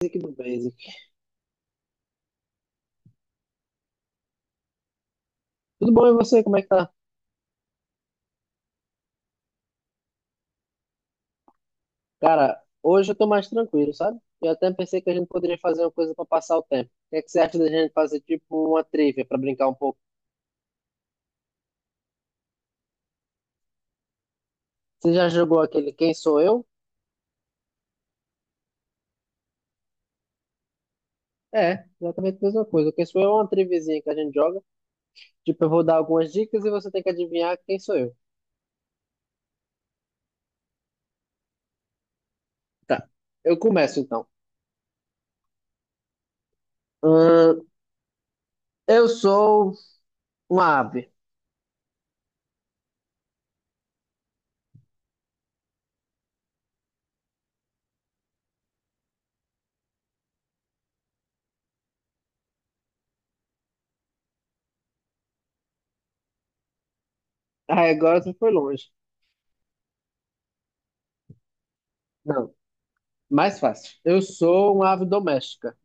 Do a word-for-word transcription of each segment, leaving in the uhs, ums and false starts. Basic do Basic. Tudo bom e você? Como é que tá? Cara, hoje eu tô mais tranquilo, sabe? Eu até pensei que a gente poderia fazer uma coisa pra passar o tempo. O que é que você acha da gente fazer tipo uma trivia pra brincar um pouco? Você já jogou aquele Quem Sou Eu? É, exatamente a mesma coisa. O Quem Sou Eu é uma triviazinha que a gente joga. Tipo, eu vou dar algumas dicas e você tem que adivinhar quem sou eu. Tá, eu começo então. Ahn, eu sou uma ave. Ah, agora você foi longe. Não, mais fácil. Eu sou uma ave doméstica.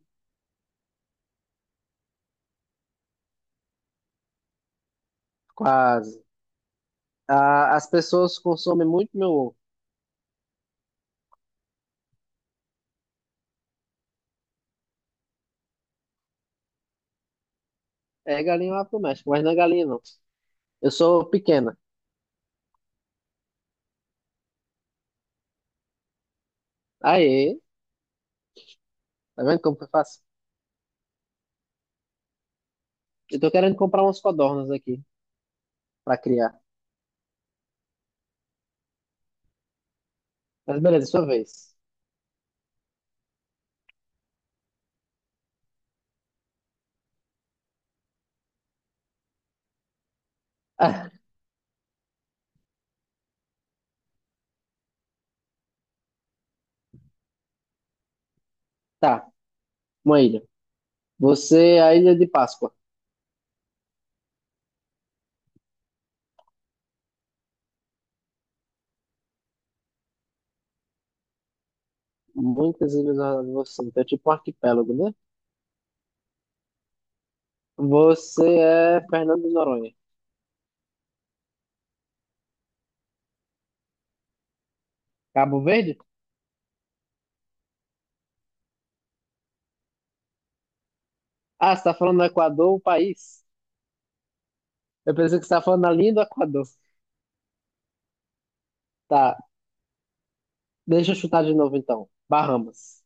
Quase. A- as pessoas consomem muito meu ovo. É galinha lá pro México, mas não é galinha, não. Eu sou pequena. Aê, tá vendo como foi fácil? Eu tô querendo comprar umas codornas aqui pra criar. Mas beleza, é sua vez. Ah, tá, uma ilha. Você é a Ilha de Páscoa. Muitas ilhas na você. Então é tipo um arquipélago, né? Você é Fernando de Noronha. Cabo Verde? Ah, você tá falando do Equador, o país? Eu pensei que você tá falando da linha do Equador. Tá, deixa eu chutar de novo então. Bahamas.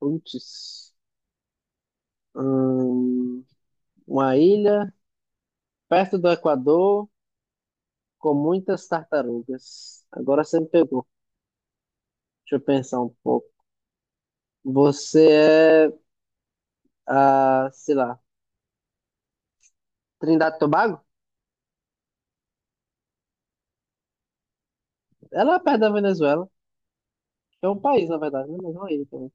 Putz. Hum, uma ilha perto do Equador com muitas tartarugas. Agora você me pegou. Deixa eu pensar um pouco. Você é, a, sei lá, Trindade e Tobago? Ela é perto da Venezuela. É um país, na verdade, né? Mas é uma ilha também.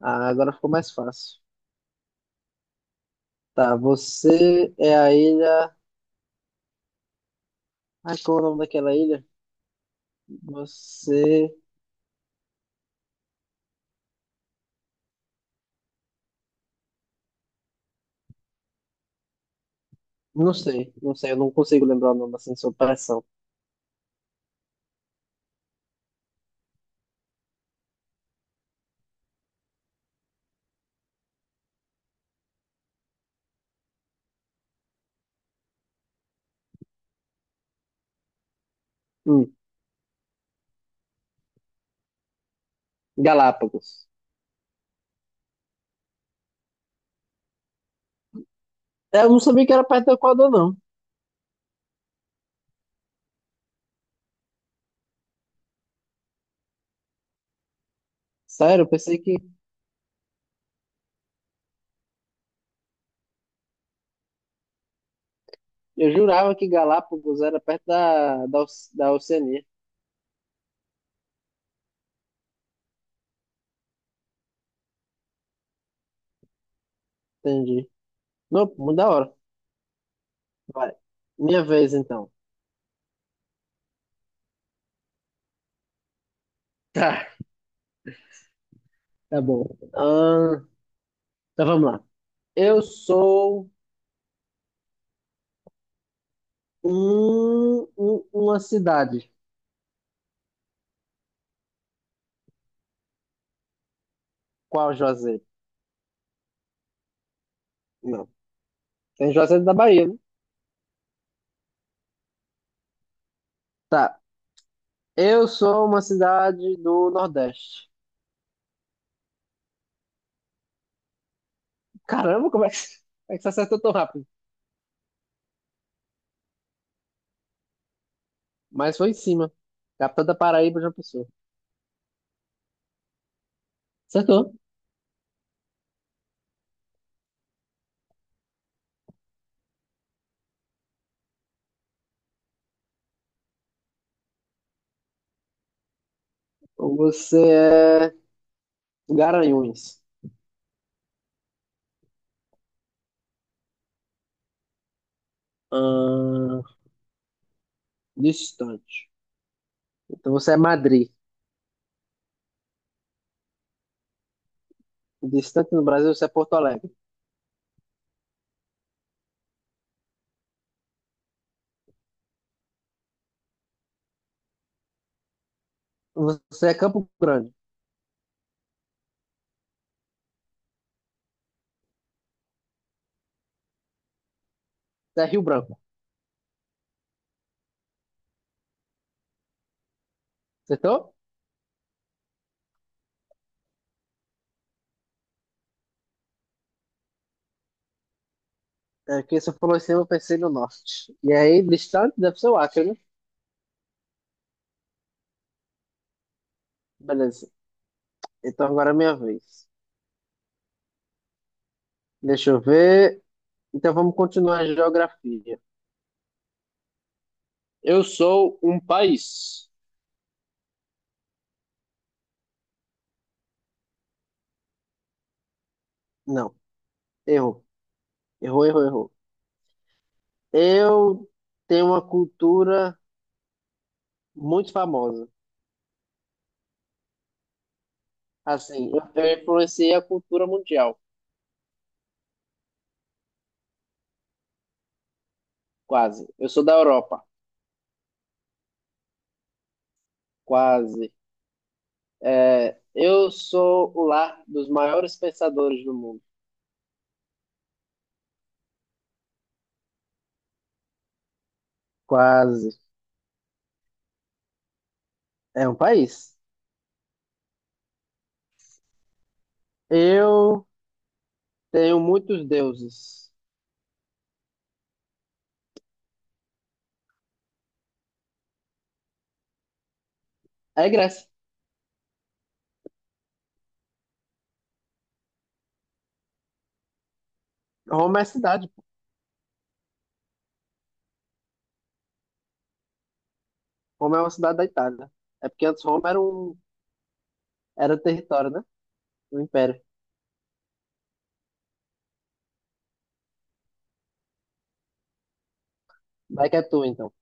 Ah, agora ficou mais fácil. Tá, você é a ilha. Ai, qual é o nome daquela ilha? Você. Não sei, não sei, eu não consigo lembrar o nome assim, sob pressão. Hum, Galápagos. É, eu não sabia que era perto do Equador, não. Sério, eu pensei que eu jurava que Galápagos era perto da, da, Oce- da Oceania. Entendi. Não, muito da hora. Vai. Minha vez, então. Tá, tá bom. Ah, então vamos lá. Eu sou um, um- uma cidade. Qual Juazeiro? Não. Tem Juazeiro da Bahia, né? Tá. Eu sou uma cidade do Nordeste. Caramba, como é que, como é que você acertou tão rápido? Mas foi em cima. Capital da Paraíba, João Pessoa. Acertou. Então você é Garanhuns. Ahn, Distante. Então você é Madrid. Distante no Brasil, você é Porto Alegre. Você é Campo Grande. Você é Rio Branco. Acertou? É que você falou assim, eu pensei no norte. E aí, distante deve ser o Acre, né? Beleza. Então agora é minha vez. Deixa eu ver. Então vamos continuar a geografia. Eu sou um país. Não, errou. Errou, errou, errou. Eu tenho uma cultura muito famosa. Assim, eu eu influenciei a cultura mundial. Quase. Eu sou da Europa. Quase. É, eu sou o lar dos maiores pensadores do mundo. Quase. É um país. Eu tenho muitos deuses. É Grécia. Roma é cidade, pô. Roma é uma cidade da Itália. É porque antes Roma era um Era território, né? Um império. Vai que é tu, então.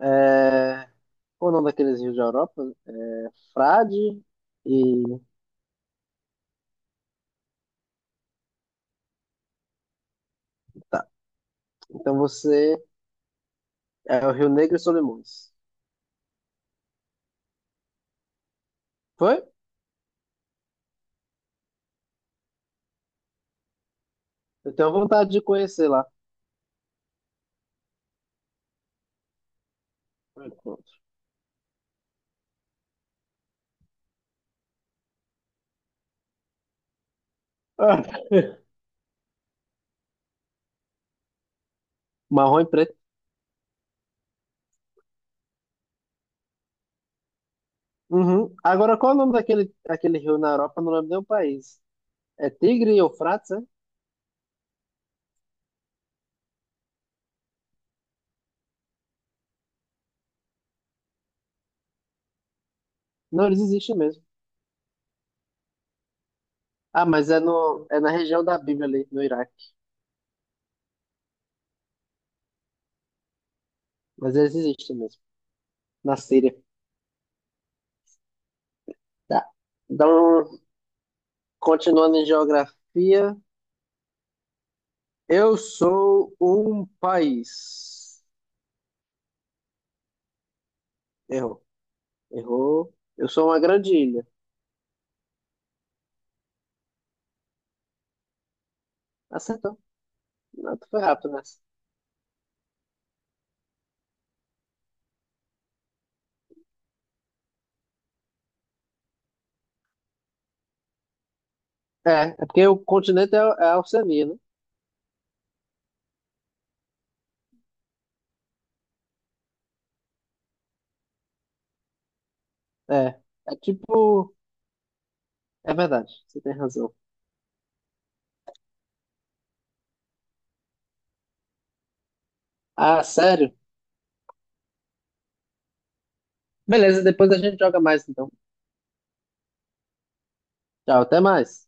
É... Qual o nome daqueles rios da Europa? É Frade e... Tá. Então você é o Rio Negro e Solimões. Foi? Eu tenho vontade de conhecer lá. Ah, Marrom e preto. Uhum. Agora, qual é o nome daquele, daquele rio na Europa? Não lembro nem o país. É Tigre e Eufrates, é? Não, eles existem mesmo. Ah, mas é, no, é na região da Bíblia ali, no Iraque. Mas eles existem mesmo, na Síria. Tá. Então, continuando em geografia, eu sou um país. Errou, errou. Eu sou uma grande ilha. Acertou. Não, tu foi rápido nessa. É, é porque o continente é, é a Oceania, né? É. É tipo é verdade, você tem razão. Ah, sério? Beleza, depois a gente joga mais então. Tchau, até mais.